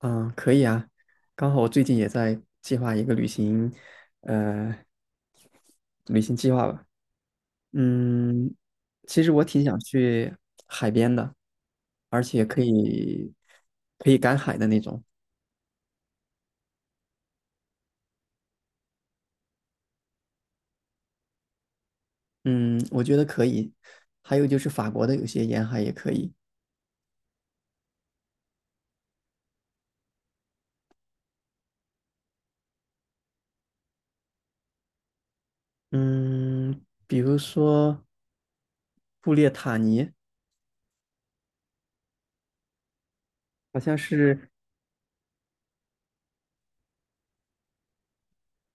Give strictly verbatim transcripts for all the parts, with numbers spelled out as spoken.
嗯，可以啊，刚好我最近也在计划一个旅行，呃，旅行计划吧。嗯，其实我挺想去海边的，而且可以可以赶海的那种。嗯，我觉得可以。还有就是法国的有些沿海也可以。嗯，比如说布列塔尼，好像是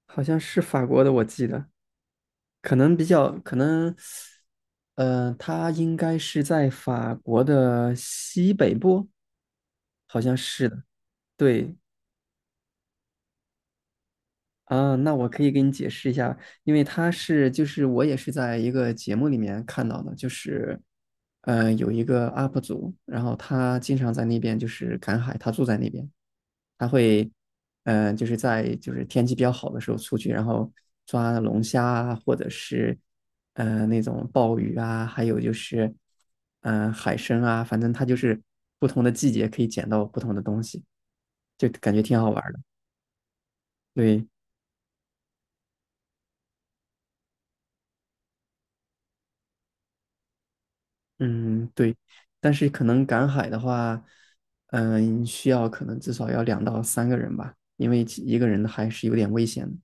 好像是法国的，我记得。可能比较可能，呃，他应该是在法国的西北部，好像是的。对啊，那我可以给你解释一下，因为他是就是我也是在一个节目里面看到的，就是呃有一个 U P 主，然后他经常在那边就是赶海，他住在那边，他会，嗯，就是在就是天气比较好的时候出去，然后抓龙虾啊，或者是呃那种鲍鱼啊，还有就是嗯呃海参啊，反正它就是不同的季节可以捡到不同的东西，就感觉挺好玩儿的。对，嗯，对，但是可能赶海的话，嗯、需要可能至少要两到三个人吧，因为一个人还是有点危险的。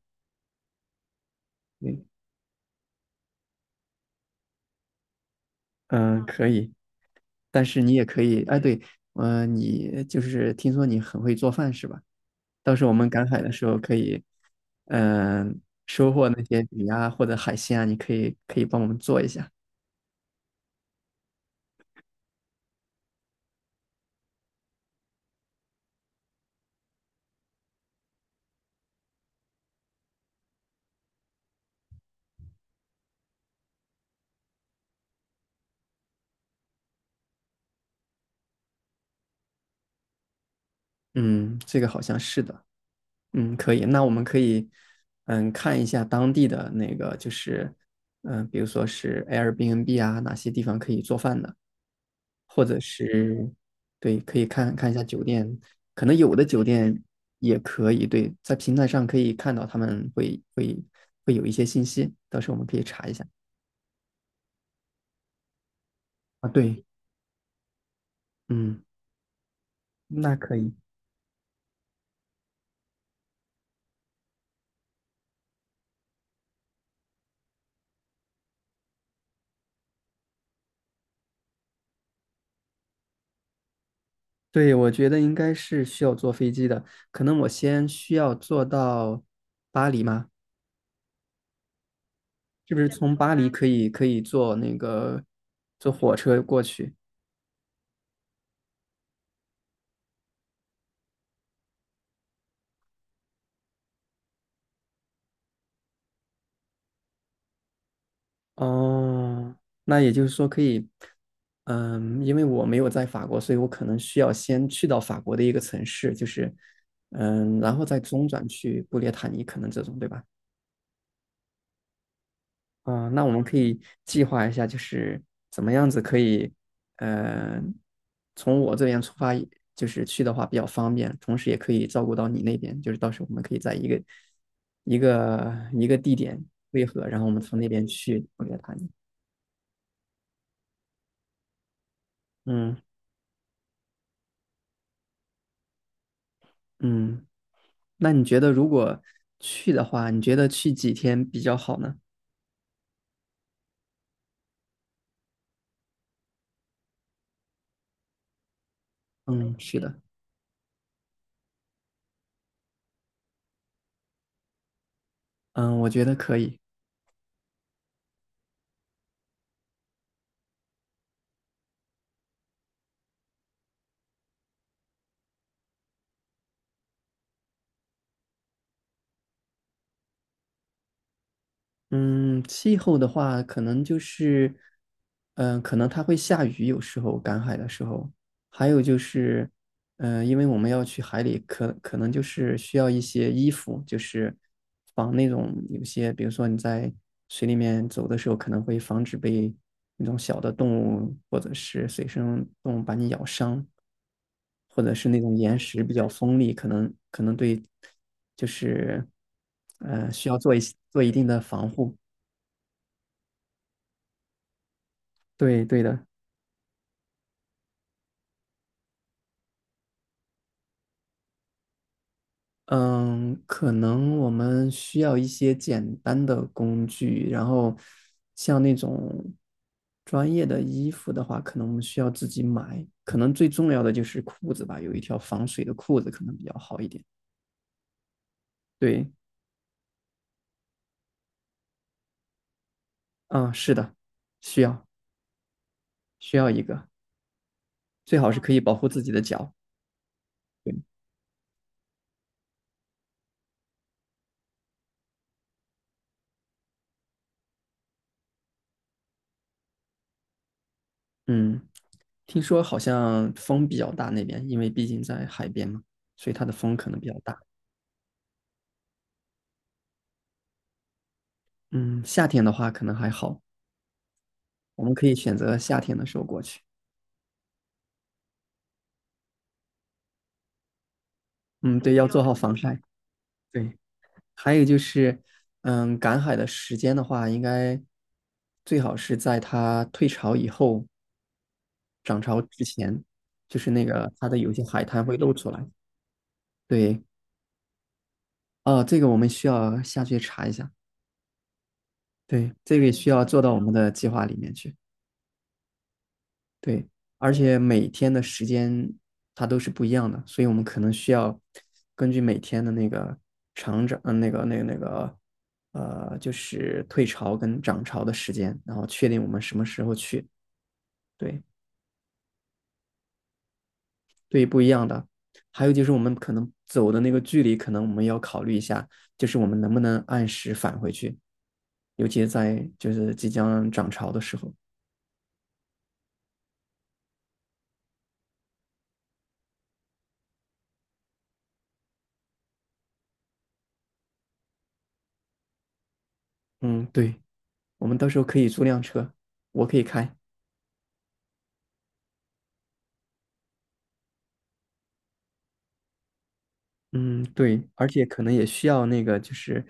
对，嗯，可以。但是你也可以，哎，对，呃，你就是听说你很会做饭是吧？到时候我们赶海的时候可以，嗯、收获那些鱼啊或者海鲜啊，你可以可以帮我们做一下。嗯，这个好像是的。嗯，可以。那我们可以，嗯，看一下当地的那个，就是，嗯、比如说是 Airbnb 啊，哪些地方可以做饭的。或者是对，可以看看一下酒店，可能有的酒店也可以，对，在平台上可以看到他们会会会有一些信息，到时候我们可以查一下啊。对，嗯，那可以。对，我觉得应该是需要坐飞机的，可能我先需要坐到巴黎吗？是不是从巴黎可以可以坐那个坐火车过去？哦，那也就是说可以，嗯，因为我没有在法国，所以我可能需要先去到法国的一个城市，就是，嗯，然后再中转去布列塔尼，可能这种，对吧？啊、那我们可以计划一下，就是怎么样子可以，嗯，从我这边出发，就是去的话比较方便，同时也可以照顾到你那边，就是到时候我们可以在一个一个一个地点汇合，然后我们从那边去布列塔尼。嗯嗯。那你觉得如果去的话，你觉得去几天比较好呢？嗯，是的，嗯，我觉得可以。嗯，气候的话，可能就是，嗯，可能它会下雨，有时候赶海的时候，还有就是，嗯，因为我们要去海里，可可能就是需要一些衣服，就是防那种有些，比如说你在水里面走的时候，可能会防止被那种小的动物或者是水生动物把你咬伤。或者是那种岩石比较锋利，可能可能对，就是呃需要做一些做一定的防护。对对的，嗯，可能我们需要一些简单的工具，然后像那种专业的衣服的话，可能我们需要自己买。可能最重要的就是裤子吧，有一条防水的裤子可能比较好一点。对，啊，是的，需要需要一个，最好是可以保护自己的脚。对，嗯。听说好像风比较大那边，因为毕竟在海边嘛，所以它的风可能比较大。嗯，夏天的话可能还好，我们可以选择夏天的时候过去。嗯，对，要做好防晒。对，还有就是，嗯，赶海的时间的话，应该最好是在它退潮以后，涨潮之前，就是那个它的有些海滩会露出来。对，啊，这个我们需要下去查一下。对，这个也需要做到我们的计划里面去。对，而且每天的时间它都是不一样的，所以我们可能需要根据每天的那个长涨，嗯，那个那个那个，呃，就是退潮跟涨潮的时间，然后确定我们什么时候去。对，对于不一样的，还有就是我们可能走的那个距离，可能我们要考虑一下，就是我们能不能按时返回去，尤其是在就是即将涨潮的时候。嗯，对，我们到时候可以租辆车，我可以开。嗯，对，而且可能也需要那个，就是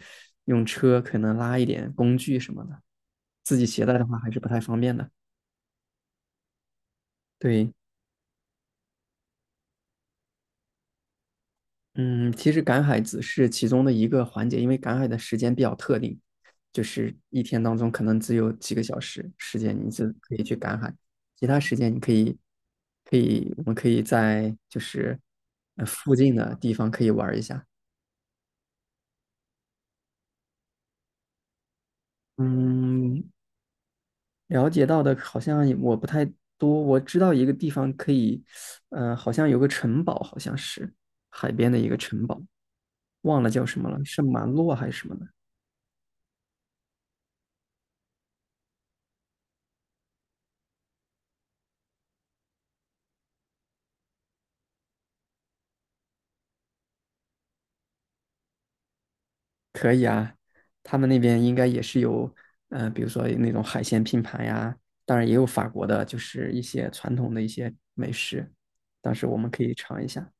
用车可能拉一点工具什么的，自己携带的话还是不太方便的。对，嗯，其实赶海只是其中的一个环节，因为赶海的时间比较特定，就是一天当中可能只有几个小时时间你就可以去赶海，其他时间你可以，可以，我们可以在就是呃附近的地方可以玩一下。嗯，了解到的好像也我不太多，我知道一个地方可以，呃，好像有个城堡，好像是海边的一个城堡，忘了叫什么了，圣马洛还是什么的。可以啊，他们那边应该也是有，呃，比如说那种海鲜拼盘呀，当然也有法国的，就是一些传统的一些美食，到时候我们可以尝一下。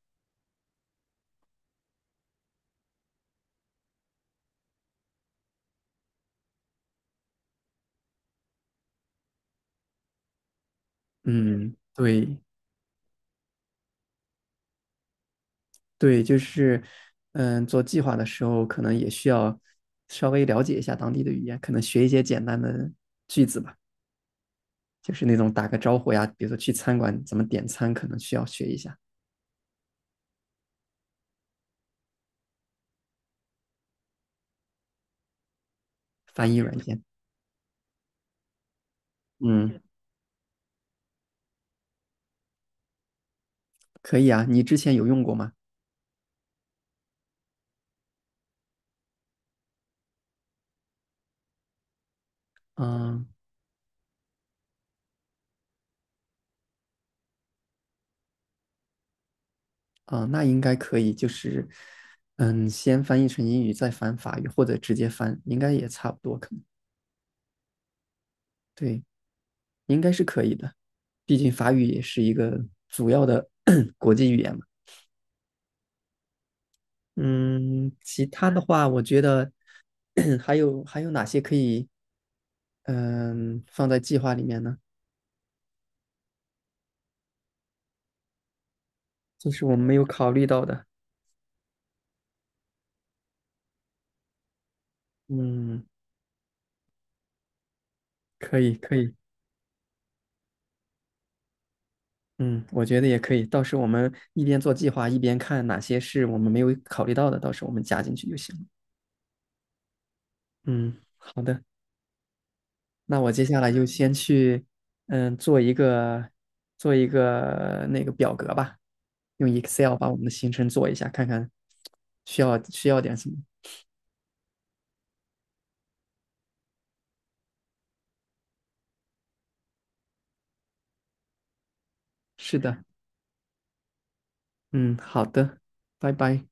嗯，对，对，就是，嗯，做计划的时候可能也需要稍微了解一下当地的语言，可能学一些简单的句子吧，就是那种打个招呼呀，比如说去餐馆怎么点餐，可能需要学一下翻译软件。嗯，可以啊，你之前有用过吗？嗯，啊，那应该可以，就是，嗯，先翻译成英语，再翻法语，或者直接翻，应该也差不多，可能，对，应该是可以的，毕竟法语也是一个主要的 国际语言嘛。嗯，其他的话，我觉得 还有还有哪些可以嗯放在计划里面呢？就是我们没有考虑到的。嗯，可以可以，嗯，我觉得也可以。到时候我们一边做计划，一边看哪些是我们没有考虑到的，到时候我们加进去就行了。嗯，好的，那我接下来就先去嗯做一个做一个那个表格吧，用 Excel 把我们的行程做一下，看看需要需要点什么。是的。嗯，好的，拜拜。